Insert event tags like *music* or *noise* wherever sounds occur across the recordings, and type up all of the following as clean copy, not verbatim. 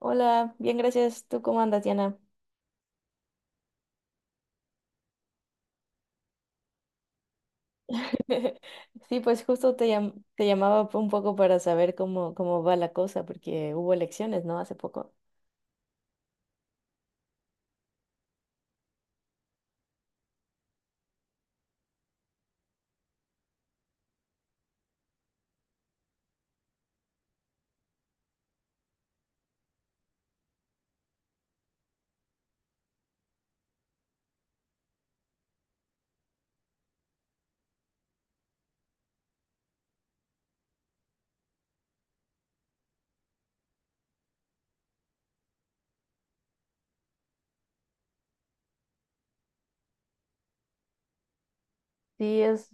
Hola, bien, gracias. ¿Tú cómo andas, Diana? *laughs* Sí, pues justo te llamaba un poco para saber cómo va la cosa, porque hubo elecciones, ¿no? Hace poco. Sí, es,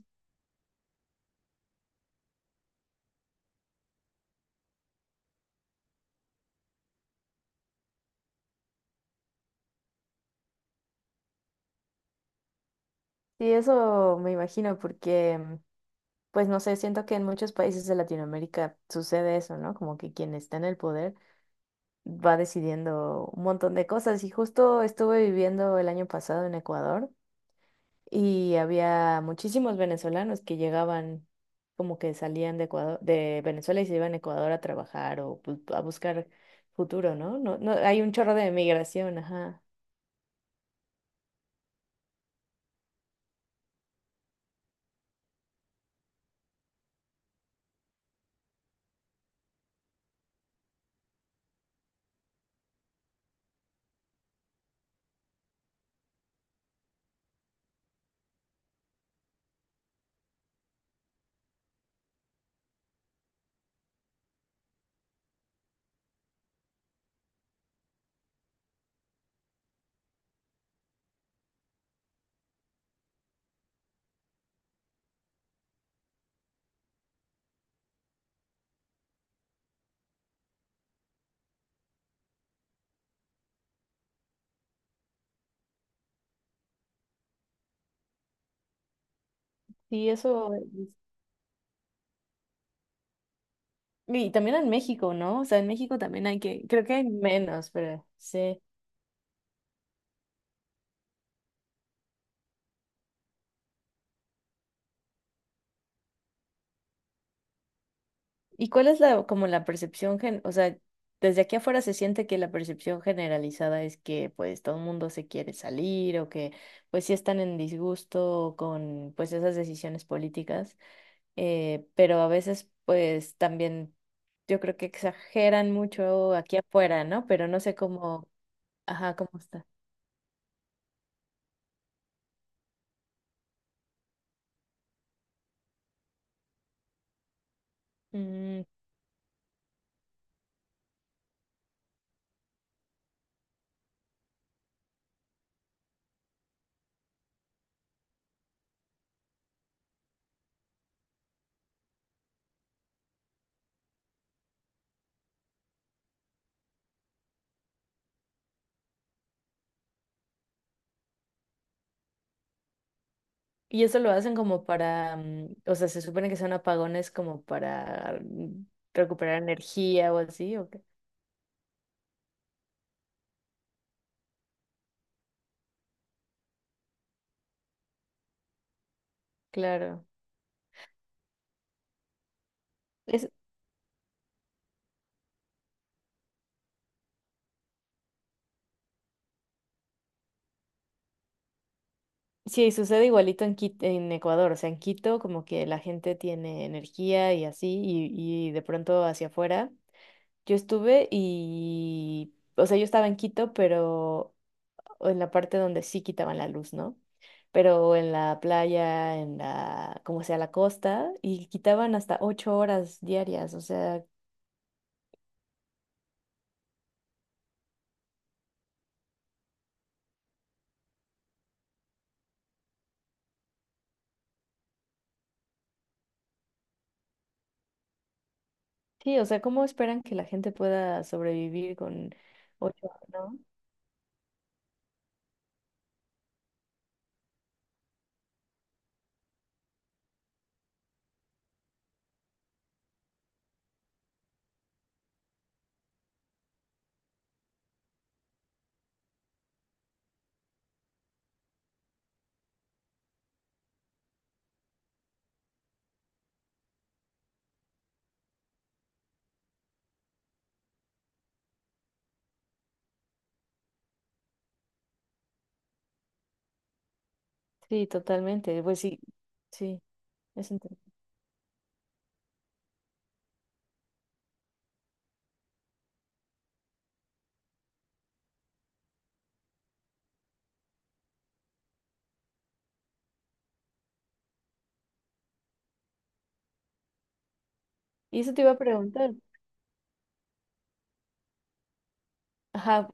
sí, eso me imagino, porque, pues no sé, siento que en muchos países de Latinoamérica sucede eso, ¿no? Como que quien está en el poder va decidiendo un montón de cosas. Y justo estuve viviendo el año pasado en Ecuador. Y había muchísimos venezolanos que llegaban, como que salían de Ecuador, de Venezuela y se iban a Ecuador a trabajar o a buscar futuro, ¿no? No, no, hay un chorro de migración, ajá. Sí, eso. Y también en México, ¿no? O sea, en México también hay que, creo que hay menos, pero sí. ¿Y cuál es la, como la percepción gen, o sea, desde aquí afuera se siente que la percepción generalizada es que pues todo el mundo se quiere salir o que pues sí están en disgusto con pues esas decisiones políticas, pero a veces pues también yo creo que exageran mucho aquí afuera, ¿no? Pero no sé cómo, ajá, cómo está. Mm, y eso lo hacen como para, o sea, se supone que son apagones como para recuperar energía o así, ¿o qué? Claro. Es, sí, sucede igualito en en Ecuador, o sea, en Quito como que la gente tiene energía y así, y de pronto hacia afuera. Yo estuve y, o sea, yo estaba en Quito, pero en la parte donde sí quitaban la luz, ¿no? Pero en la playa, en la, como sea, la costa, y quitaban hasta 8 horas diarias, o sea, sí, o sea, ¿cómo esperan que la gente pueda sobrevivir con 8 horas, ¿no? Sí, totalmente, pues sí, sí, es un tema. Y eso te iba a preguntar. Ajá,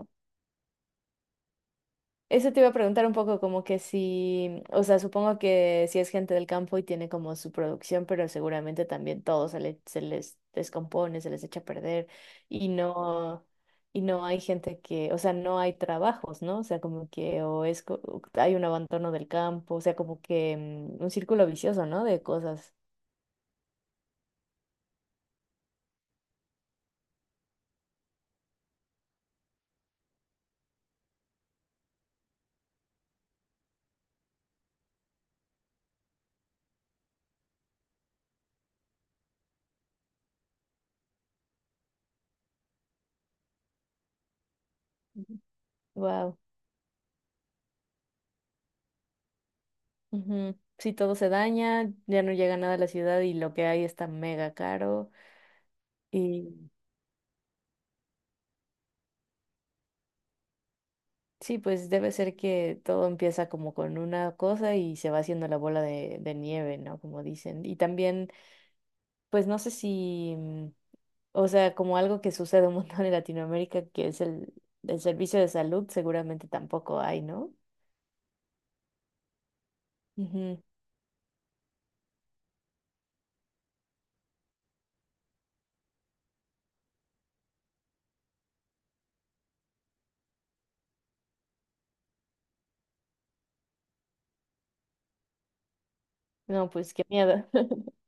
eso te iba a preguntar un poco como que si, o sea, supongo que si es gente del campo y tiene como su producción, pero seguramente también todo se les descompone, se les echa a perder y no, y no hay gente que, o sea, no hay trabajos, ¿no? O sea, como que o es, o hay un abandono del campo, o sea, como que un círculo vicioso, ¿no? De cosas. Wow. Si todo se daña, ya no llega nada a la ciudad y lo que hay está mega caro. Sí, pues debe ser que todo empieza como con una cosa y se va haciendo la bola de nieve, ¿no? Como dicen. Y también, pues no sé si, o sea, como algo que sucede un montón en Latinoamérica, que es el servicio de salud, seguramente tampoco hay, ¿no? Ujú. No, pues qué miedo. *laughs*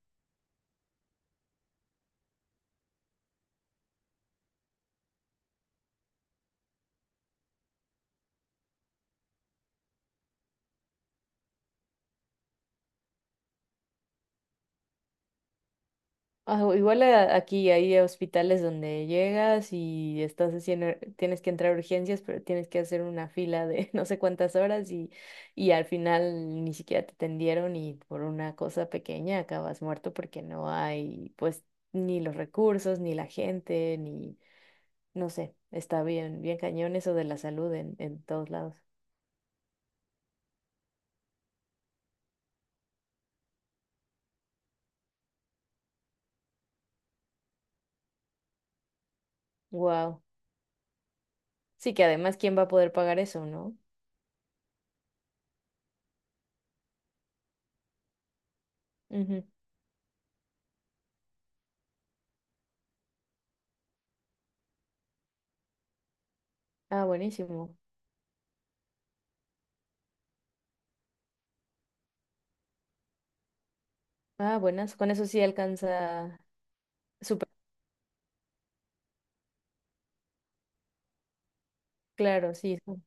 Ah, o igual aquí hay hospitales donde llegas y estás haciendo, tienes que entrar a urgencias, pero tienes que hacer una fila de *laughs* no sé cuántas horas y al final ni siquiera te atendieron y por una cosa pequeña acabas muerto porque no hay pues ni los recursos, ni la gente, ni no sé, está bien, bien cañón eso de la salud en todos lados. Wow. Sí que además, ¿quién va a poder pagar eso, no? Ujú. Ah, buenísimo. Ah, buenas. Con eso sí alcanza su... Claro, sí, son...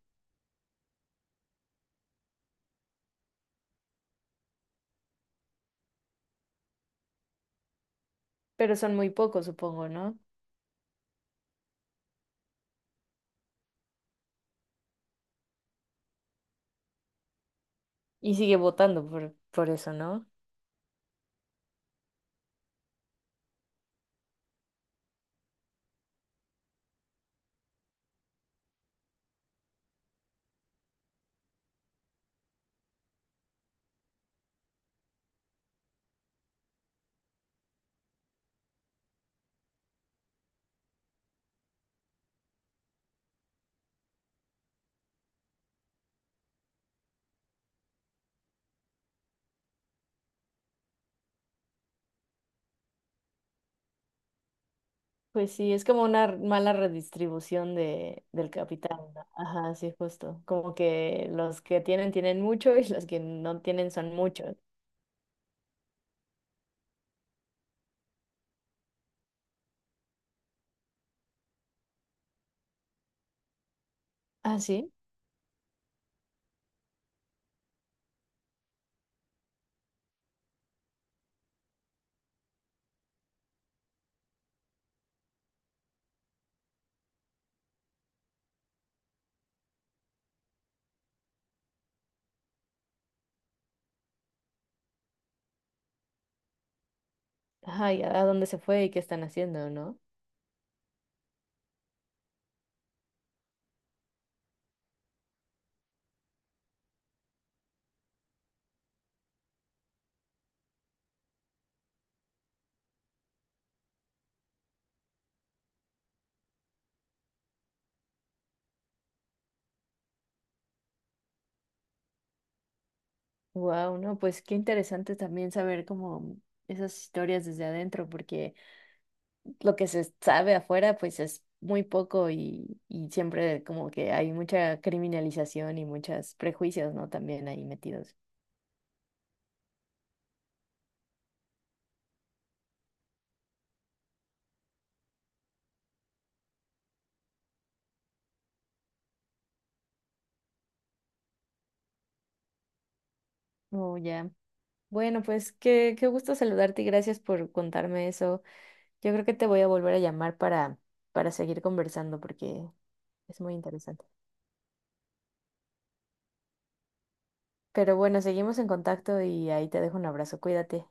pero son muy pocos, supongo, ¿no? Y sigue votando por eso, ¿no? Pues sí, es como una mala redistribución de, del capital, ¿no? Ajá, sí, justo. Como que los que tienen tienen mucho *laughs* y los que no tienen son muchos. Ah, sí. Ajá, ¿y a dónde se fue y qué están haciendo, no? Wow, no, pues qué interesante también saber como esas historias desde adentro, porque lo que se sabe afuera, pues es muy poco y siempre como que hay mucha criminalización y muchos prejuicios, ¿no? También ahí metidos. Oh, ya. Bueno, pues qué, qué gusto saludarte y gracias por contarme eso. Yo creo que te voy a volver a llamar para seguir conversando porque es muy interesante. Pero bueno, seguimos en contacto y ahí te dejo un abrazo. Cuídate.